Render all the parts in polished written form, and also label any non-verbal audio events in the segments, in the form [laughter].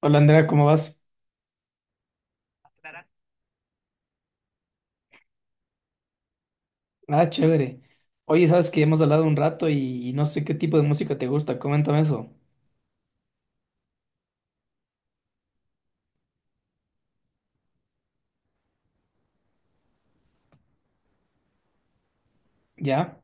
Hola Andrea, ¿cómo vas? Ah, chévere. Oye, sabes que hemos hablado un rato y no sé qué tipo de música te gusta, coméntame eso. ¿Ya?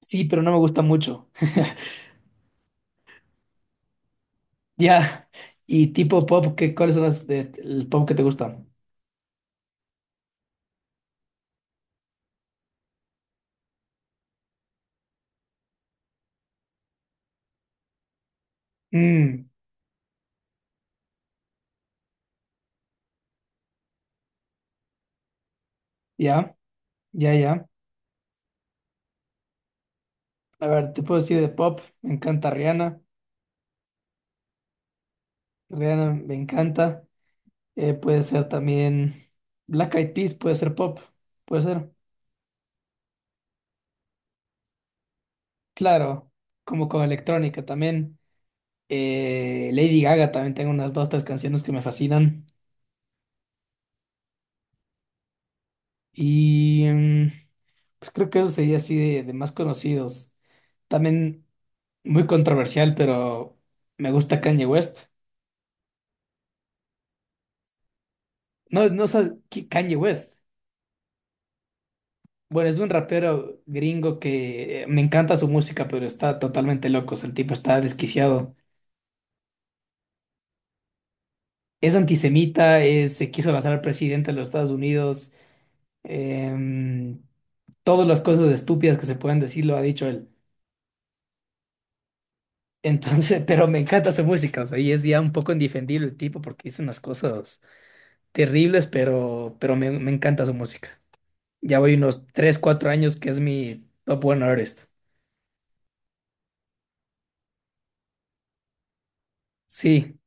Sí, pero no me gusta mucho. [laughs] Ya. ¿Y tipo pop? ¿Qué, cuáles son el pop que te gusta? Mm, ya, ya, ya. A ver, te puedo decir de pop. Me encanta Rihanna. Rihanna me encanta. Puede ser también Black Eyed Peas, puede ser pop. Puede ser. Claro, como con electrónica también. Lady Gaga también tengo unas dos, tres canciones que me fascinan. Y pues creo que eso sería así de más conocidos. También muy controversial, pero me gusta Kanye West. No, no sabes Kanye West. Bueno, es un rapero gringo que me encanta su música, pero está totalmente loco. O sea, el tipo está desquiciado. Es antisemita, se quiso lanzar al presidente de los Estados Unidos. em, Todas las cosas estúpidas que se pueden decir lo ha dicho él. Entonces, [laughs] pero me encanta su música, o sea, y es ya un poco indefendible el tipo porque hizo unas cosas terribles, pero me encanta su música. Ya voy unos 3, 4 años que es mi top one artist. Sí,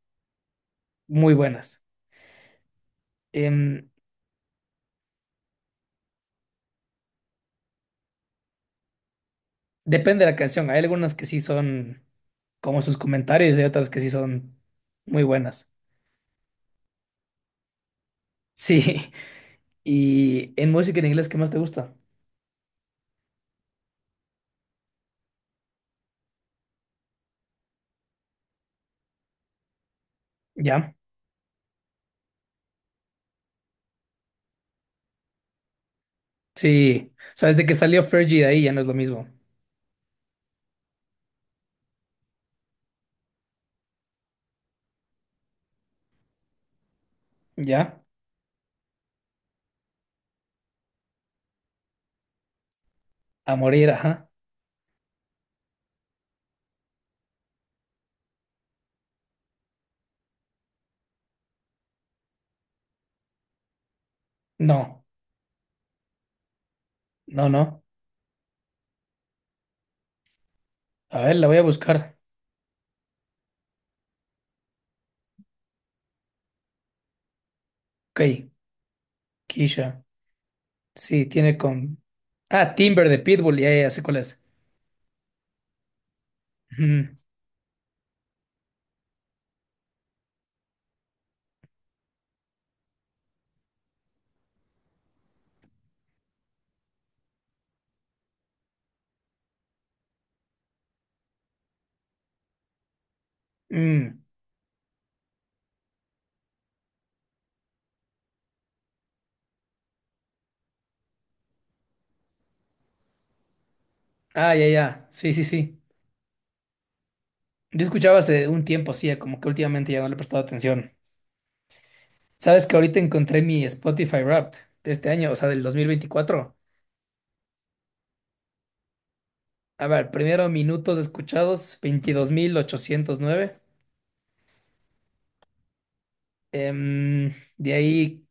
muy buenas. Em, Depende de la canción, hay algunas que sí son como sus comentarios y otras que sí son muy buenas. Sí, [laughs] y en música en inglés, ¿qué más te gusta? ¿Ya? Sí, o sea, desde que salió Fergie de ahí ya no es lo mismo. ¿Ya? A morir, ajá. No. No, no. A ver, la voy a buscar. Ok, Keisha. Sí, tiene con. Ah, Timber de Pitbull, ya, ya, ya sé cuál es. [laughs] Ujú. Mm. Ah, ya, ya. Sí, sí, sí. Yo escuchaba hace un tiempo, sí, como que últimamente ya no le he prestado atención. Sabes que ahorita encontré mi Spotify Wrapped de este año, o sea, del 2024. A ver, primero minutos escuchados, 22.809. Em, de ahí,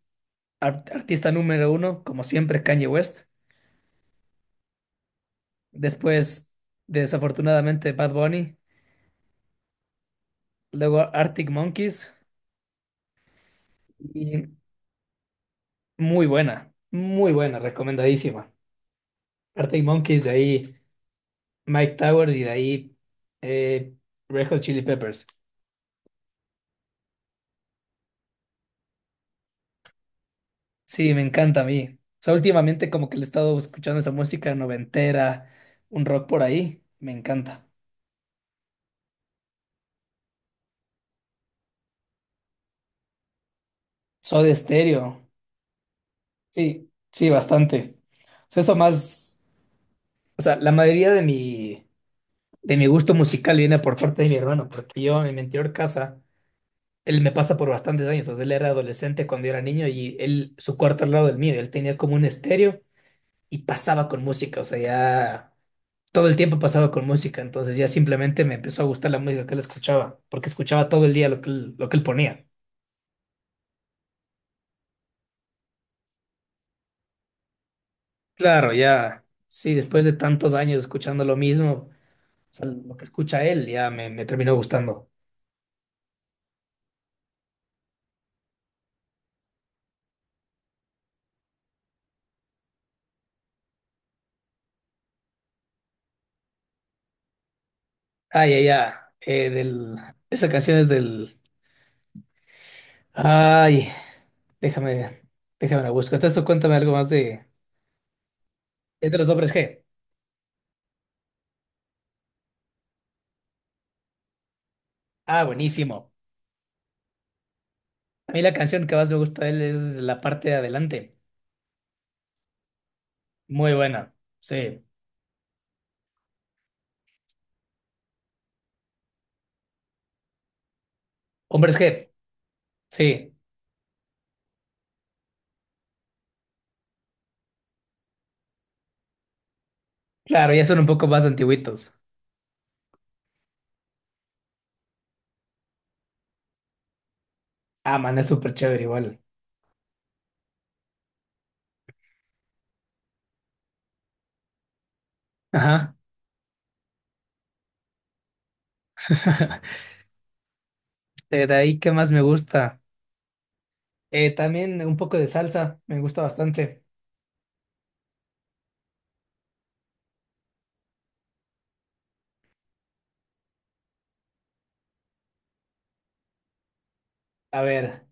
artista número uno, como siempre, Kanye West. Después, desafortunadamente, Bad Bunny. Luego Arctic Monkeys. Y muy buena, recomendadísima. Arctic Monkeys, de ahí Mike Towers y de ahí eh, Red Hot Chili Peppers. Sí, me encanta a mí. O sea, últimamente como que le he estado escuchando esa música noventera, un rock por ahí. Me encanta. Soda Stereo. Sí, sí, bastante. O sea, eso más. O sea, la mayoría de mi gusto musical viene por parte de mi hermano, porque yo en mi anterior casa, él me pasa por bastantes años, entonces él era adolescente cuando yo era niño y él, su cuarto al lado del mío, él tenía como un estéreo y pasaba con música, o sea, ya todo el tiempo pasaba con música, entonces ya simplemente me empezó a gustar la música que él escuchaba, porque escuchaba todo el día lo que él ponía. Claro, ya, sí, después de tantos años escuchando lo mismo, o sea, lo que escucha él ya me terminó gustando. Ah, ya, ya, esa canción es del. Ay, déjame, déjame la busco. Entonces, cuéntame algo más de. Es de los Hombres G. Ah, buenísimo. A mí la canción que más me gusta de él es la parte de adelante. Muy buena. Sí. Hombres G. Sí. Claro, ya son un poco más antiguitos. Ah, man, es súper chévere igual. Ajá. [laughs] De ahí, ¿qué más me gusta? También un poco de salsa, me gusta bastante. A ver,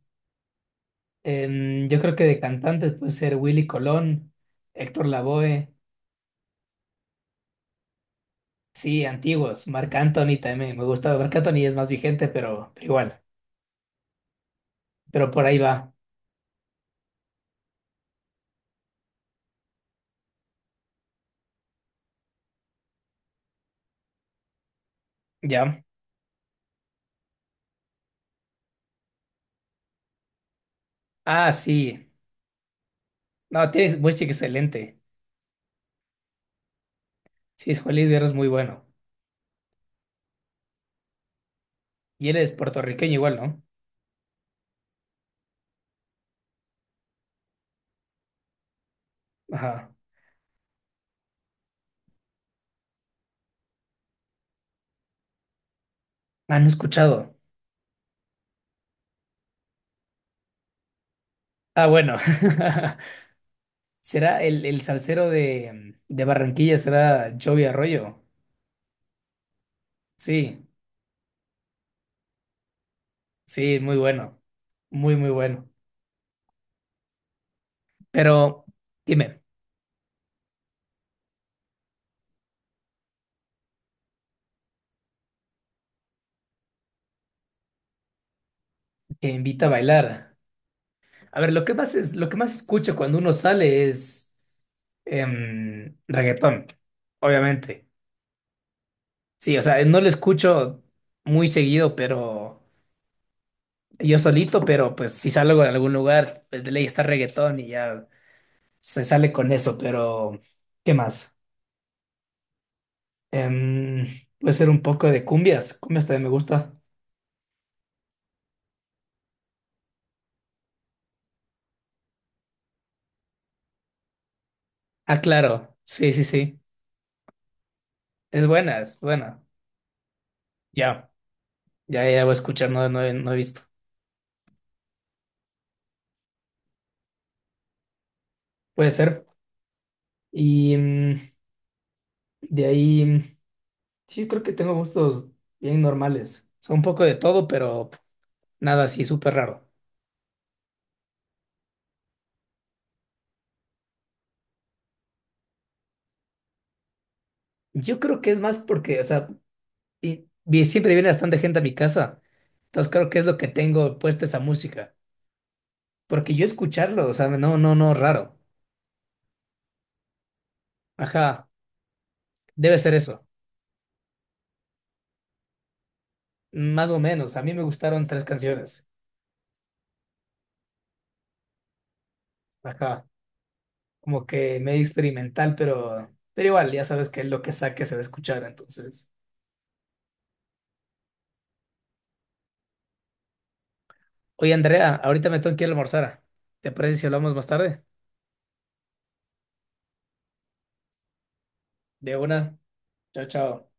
yo creo que de cantantes puede ser Willy Colón, Héctor Lavoe. Sí, antiguos. Marc Anthony también me gusta. Marc Anthony es más vigente, pero igual. Pero por ahí va. Ya. Ah, sí. No, tiene muy excelente. Sí, es Juan Luis Guerra es muy bueno. Y él es puertorriqueño igual, ¿no? Ajá. Ah, no he escuchado. Ah, bueno. [laughs] ¿Será el salsero de Barranquilla? ¿Será Joey Arroyo? Sí, sí, muy bueno. Muy, muy bueno. Pero dime, que invita a bailar. A ver, lo que más escucho cuando uno sale es, reggaetón, obviamente. Sí, o sea, no lo escucho muy seguido, pero yo solito, pero pues si salgo de algún lugar, pues de ley está reggaetón y ya se sale con eso, pero ¿qué más? Em, Puede ser un poco de cumbias, cumbias también me gusta. Ah, claro, sí, sí, sí, es buena, es buena. Ya, ya, ya voy a escuchar, no, no, he no he visto. Puede ser. Y de ahí. Sí, creo que tengo gustos bien normales. O sea, un poco de todo, pero nada así súper raro. Yo creo que es más porque, o sea, siempre viene bastante gente a mi casa. Entonces creo que es lo que tengo puesta esa música. Porque yo escucharlo, o sea, no, no, no, raro. Ajá, debe ser eso. Más o menos. A mí me gustaron tres canciones. Ajá, como que medio experimental, pero igual, ya sabes que lo que saque se va a escuchar, entonces. Oye, Andrea, ahorita me tengo que ir a almorzar. ¿Te parece si hablamos más tarde? De una. Chao, chao.